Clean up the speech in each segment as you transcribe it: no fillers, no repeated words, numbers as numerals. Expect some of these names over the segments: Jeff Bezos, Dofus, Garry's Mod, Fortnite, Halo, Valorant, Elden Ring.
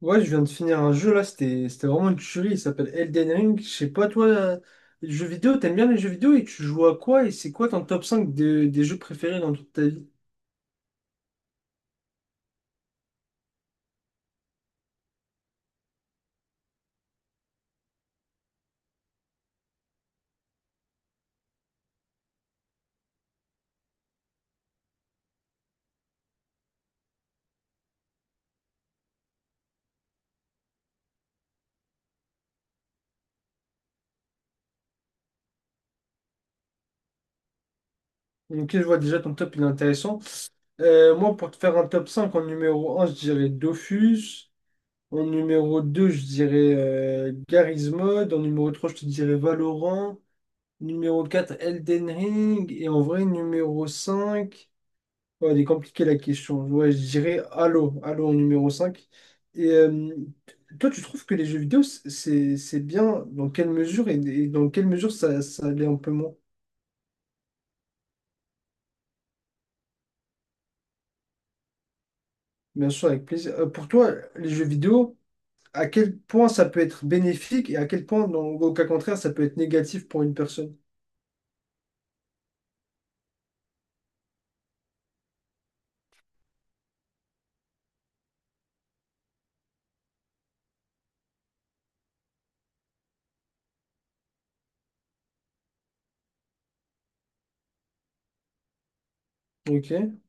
Ouais, je viens de finir un jeu là, c'était vraiment une tuerie, il s'appelle Elden Ring. Je sais pas, toi, les jeux vidéo, t'aimes bien les jeux vidéo et tu joues à quoi et c'est quoi ton top cinq des jeux préférés dans toute ta vie? Ok, je vois déjà ton top, il est intéressant. Moi, pour te faire un top 5, en numéro un, je dirais Dofus. En numéro 2, je dirais Garry's Mod. En numéro 3, je te dirais Valorant. Numéro 4, Elden Ring. Et en vrai, numéro 5. Ouais, elle est compliquée la question. Ouais, je dirais Halo, Halo en numéro cinq. Et toi, tu trouves que les jeux vidéo, c'est bien dans quelle mesure et, dans quelle mesure ça, ça l'est un peu moins? Bien sûr, avec plaisir. Pour toi, les jeux vidéo, à quel point ça peut être bénéfique et à quel point, au cas contraire, ça peut être négatif pour une personne? Ok.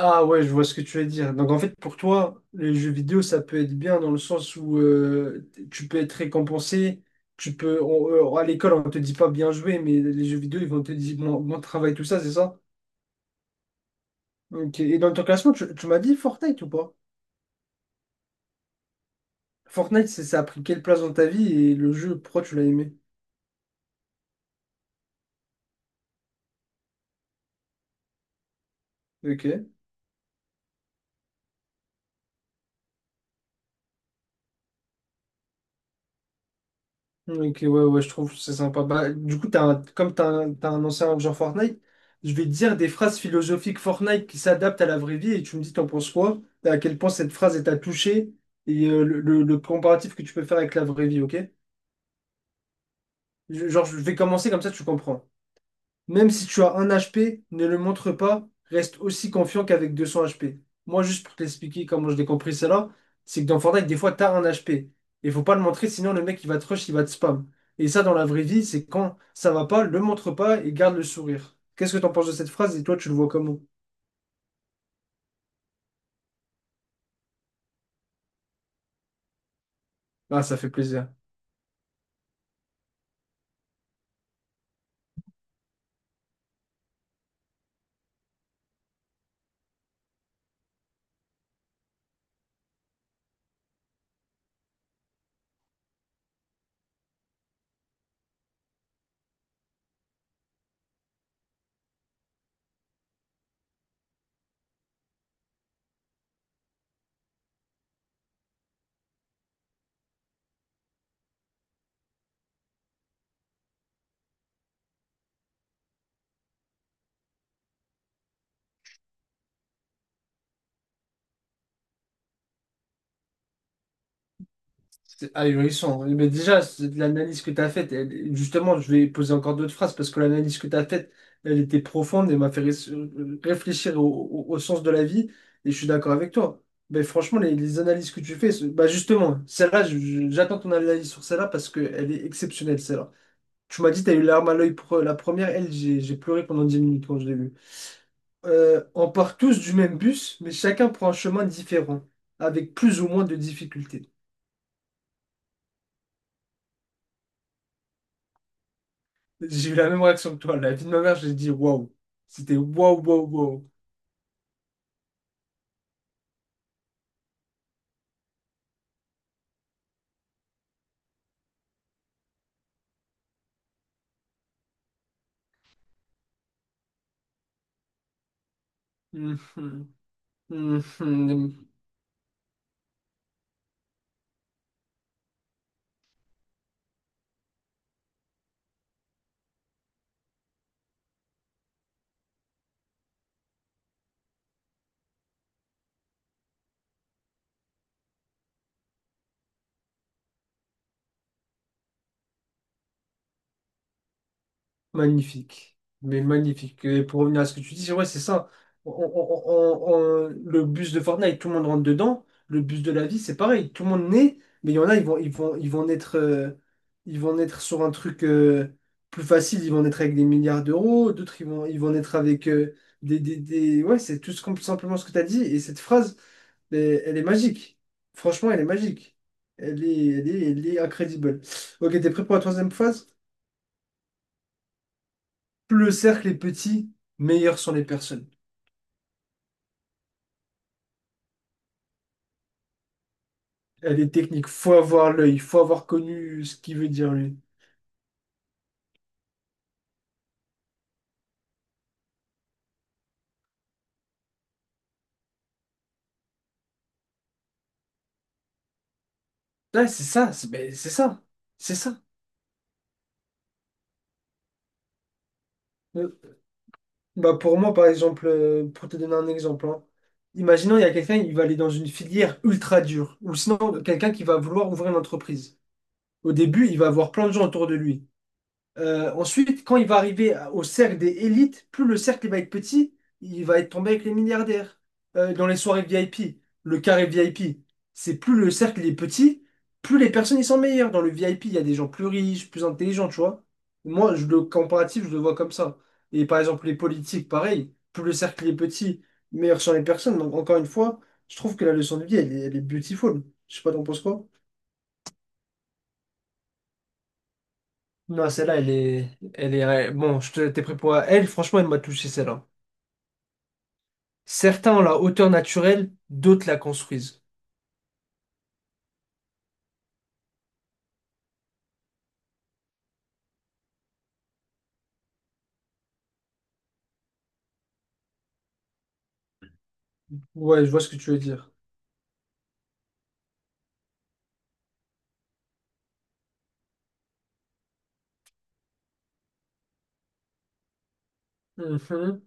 Ah ouais, je vois ce que tu veux dire. Donc en fait, pour toi, les jeux vidéo, ça peut être bien dans le sens où tu peux être récompensé, à l'école, on te dit pas bien joué, mais les jeux vidéo, ils vont te dire bon, bon travail, tout ça, c'est ça? Ok. Et dans ton classement, tu m'as dit Fortnite ou pas? Fortnite, ça a pris quelle place dans ta vie et le jeu, pourquoi tu l'as aimé? Ok. Ok, ouais, ouais, je trouve que c'est sympa. Bah, du coup, comme t'as un ancien joueur Fortnite, je vais te dire des phrases philosophiques Fortnite qui s'adaptent à la vraie vie et tu me dis t'en penses quoi, et à quel point cette phrase elle t'a touché et le comparatif que tu peux faire avec la vraie vie, ok? Genre, je vais commencer comme ça, tu comprends. Même si tu as un HP, ne le montre pas, reste aussi confiant qu'avec 200 HP. Moi, juste pour t'expliquer comment je l'ai compris cela, c'est que dans Fortnite, des fois, t'as un HP. Il faut pas le montrer, sinon le mec, il va te rush, il va te spam. Et ça, dans la vraie vie, c'est quand ça va pas, le montre pas et garde le sourire. Qu'est-ce que t'en penses de cette phrase et toi, tu le vois comment? Ah, ça fait plaisir. C'est ahurissant. Mais déjà, l'analyse que tu as faite, justement, je vais poser encore d'autres phrases parce que l'analyse que tu as faite, elle était profonde et m'a fait réfléchir au, au sens de la vie. Et je suis d'accord avec toi. Mais franchement, les analyses que tu fais, bah justement, celle-là, j'attends ton analyse sur celle-là parce qu'elle est exceptionnelle, celle-là. Tu m'as dit, tu as eu larme à l'œil pour la première. Elle, j'ai pleuré pendant 10 minutes quand je l'ai vue. On part tous du même bus, mais chacun prend un chemin différent, avec plus ou moins de difficultés. J'ai eu la même réaction que toi. La vie de ma mère, j'ai dit waouh. C'était waouh, waouh, waouh. Mhm. Mhm. Magnifique. Mais magnifique. Et pour revenir à ce que tu dis, c'est ouais, c'est ça. On- on- le bus de Fortnite, tout le monde rentre dedans. Le bus de la vie, c'est pareil. Tout le monde naît, mais il y en a, ils vont naître sur un truc plus facile. Ils vont naître avec des milliards d'euros. D'autres, ils vont naître avec Ouais, c'est tout simplement ce que tu as dit. Et cette phrase. Mais elle est magique. Franchement, elle est magique. Elle est incredible. Ok, t'es prêt pour la troisième phase? Plus le cercle est petit, meilleures sont les personnes. Elle est technique. Faut avoir l'œil. Faut avoir connu ce qu'il veut dire lui. Ouais, c'est ça. C'est ben, c'est ça. C'est ça. Euh, Bah pour moi, par exemple, pour te donner un exemple, hein, imaginons il y a quelqu'un qui va aller dans une filière ultra dure, ou sinon quelqu'un qui va vouloir ouvrir une entreprise. Au début, il va avoir plein de gens autour de lui. Ensuite, quand il va arriver au cercle des élites, plus le cercle il va être petit, il va être tombé avec les milliardaires. Dans les soirées VIP, le carré VIP, c'est plus le cercle il est petit, plus les personnes ils sont meilleures. Dans le VIP, il y a des gens plus riches, plus intelligents, tu vois. Moi, le comparatif, je le vois comme ça. Et par exemple, les politiques, pareil, plus le cercle il est petit, meilleures sont les personnes. Donc, encore une fois, je trouve que la leçon de vie, elle est beautiful. Je sais pas, t'en penses quoi? Non, celle-là, elle est, bon, t'es prêt pour elle. Franchement, elle m'a touché celle-là. Certains ont la hauteur naturelle, d'autres la construisent. Ouais, je vois ce que tu veux dire. Mhm,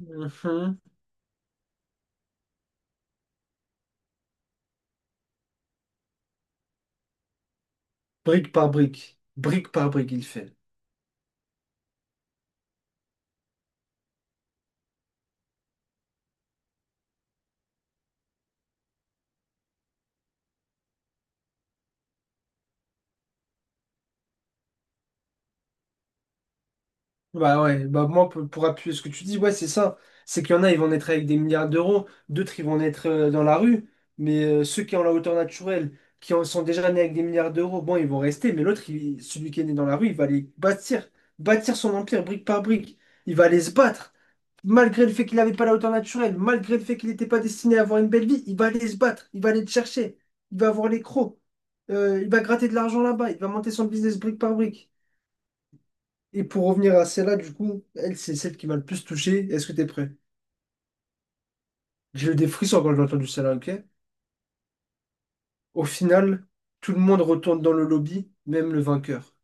mhm. Brique par brique, il fait. Bah ouais, bah moi pour appuyer ce que tu dis, ouais, c'est ça. C'est qu'il y en a, ils vont naître avec des milliards d'euros, d'autres, ils vont naître dans la rue, mais ceux qui ont la hauteur naturelle, qui en sont déjà nés avec des milliards d'euros, bon, ils vont rester, mais l'autre, celui qui est né dans la rue, il va aller bâtir, bâtir son empire brique par brique. Il va aller se battre, malgré le fait qu'il n'avait pas la hauteur naturelle, malgré le fait qu'il n'était pas destiné à avoir une belle vie, il va aller se battre, il va aller le chercher, il va avoir les crocs. Il va gratter de l'argent là-bas, il va monter son business brique par brique. Et pour revenir à celle-là, du coup, elle, c'est celle qui m'a le plus touché. Est-ce que t'es prêt? J'ai eu des frissons quand j'ai entendu celle-là, ok? Au final, tout le monde retourne dans le lobby, même le vainqueur.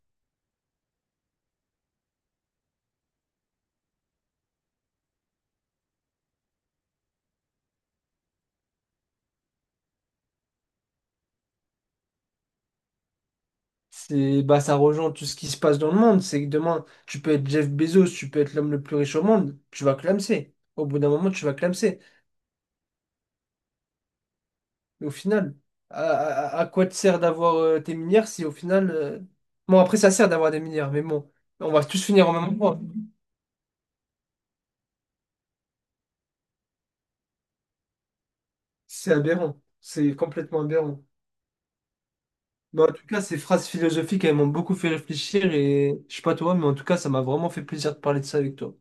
C'est, bah, ça rejoint tout ce qui se passe dans le monde. C'est que demain, tu peux être Jeff Bezos, tu peux être l'homme le plus riche au monde, tu vas clamser. Au bout d'un moment, tu vas clamser. Mais au final, à quoi te sert d'avoir tes milliards si au final. Bon, après, ça sert d'avoir des milliards, mais bon, on va tous finir au même endroit. C'est aberrant. C'est complètement aberrant. Mais en tout cas, ces phrases philosophiques, elles m'ont beaucoup fait réfléchir et je sais pas toi, mais en tout cas, ça m'a vraiment fait plaisir de parler de ça avec toi.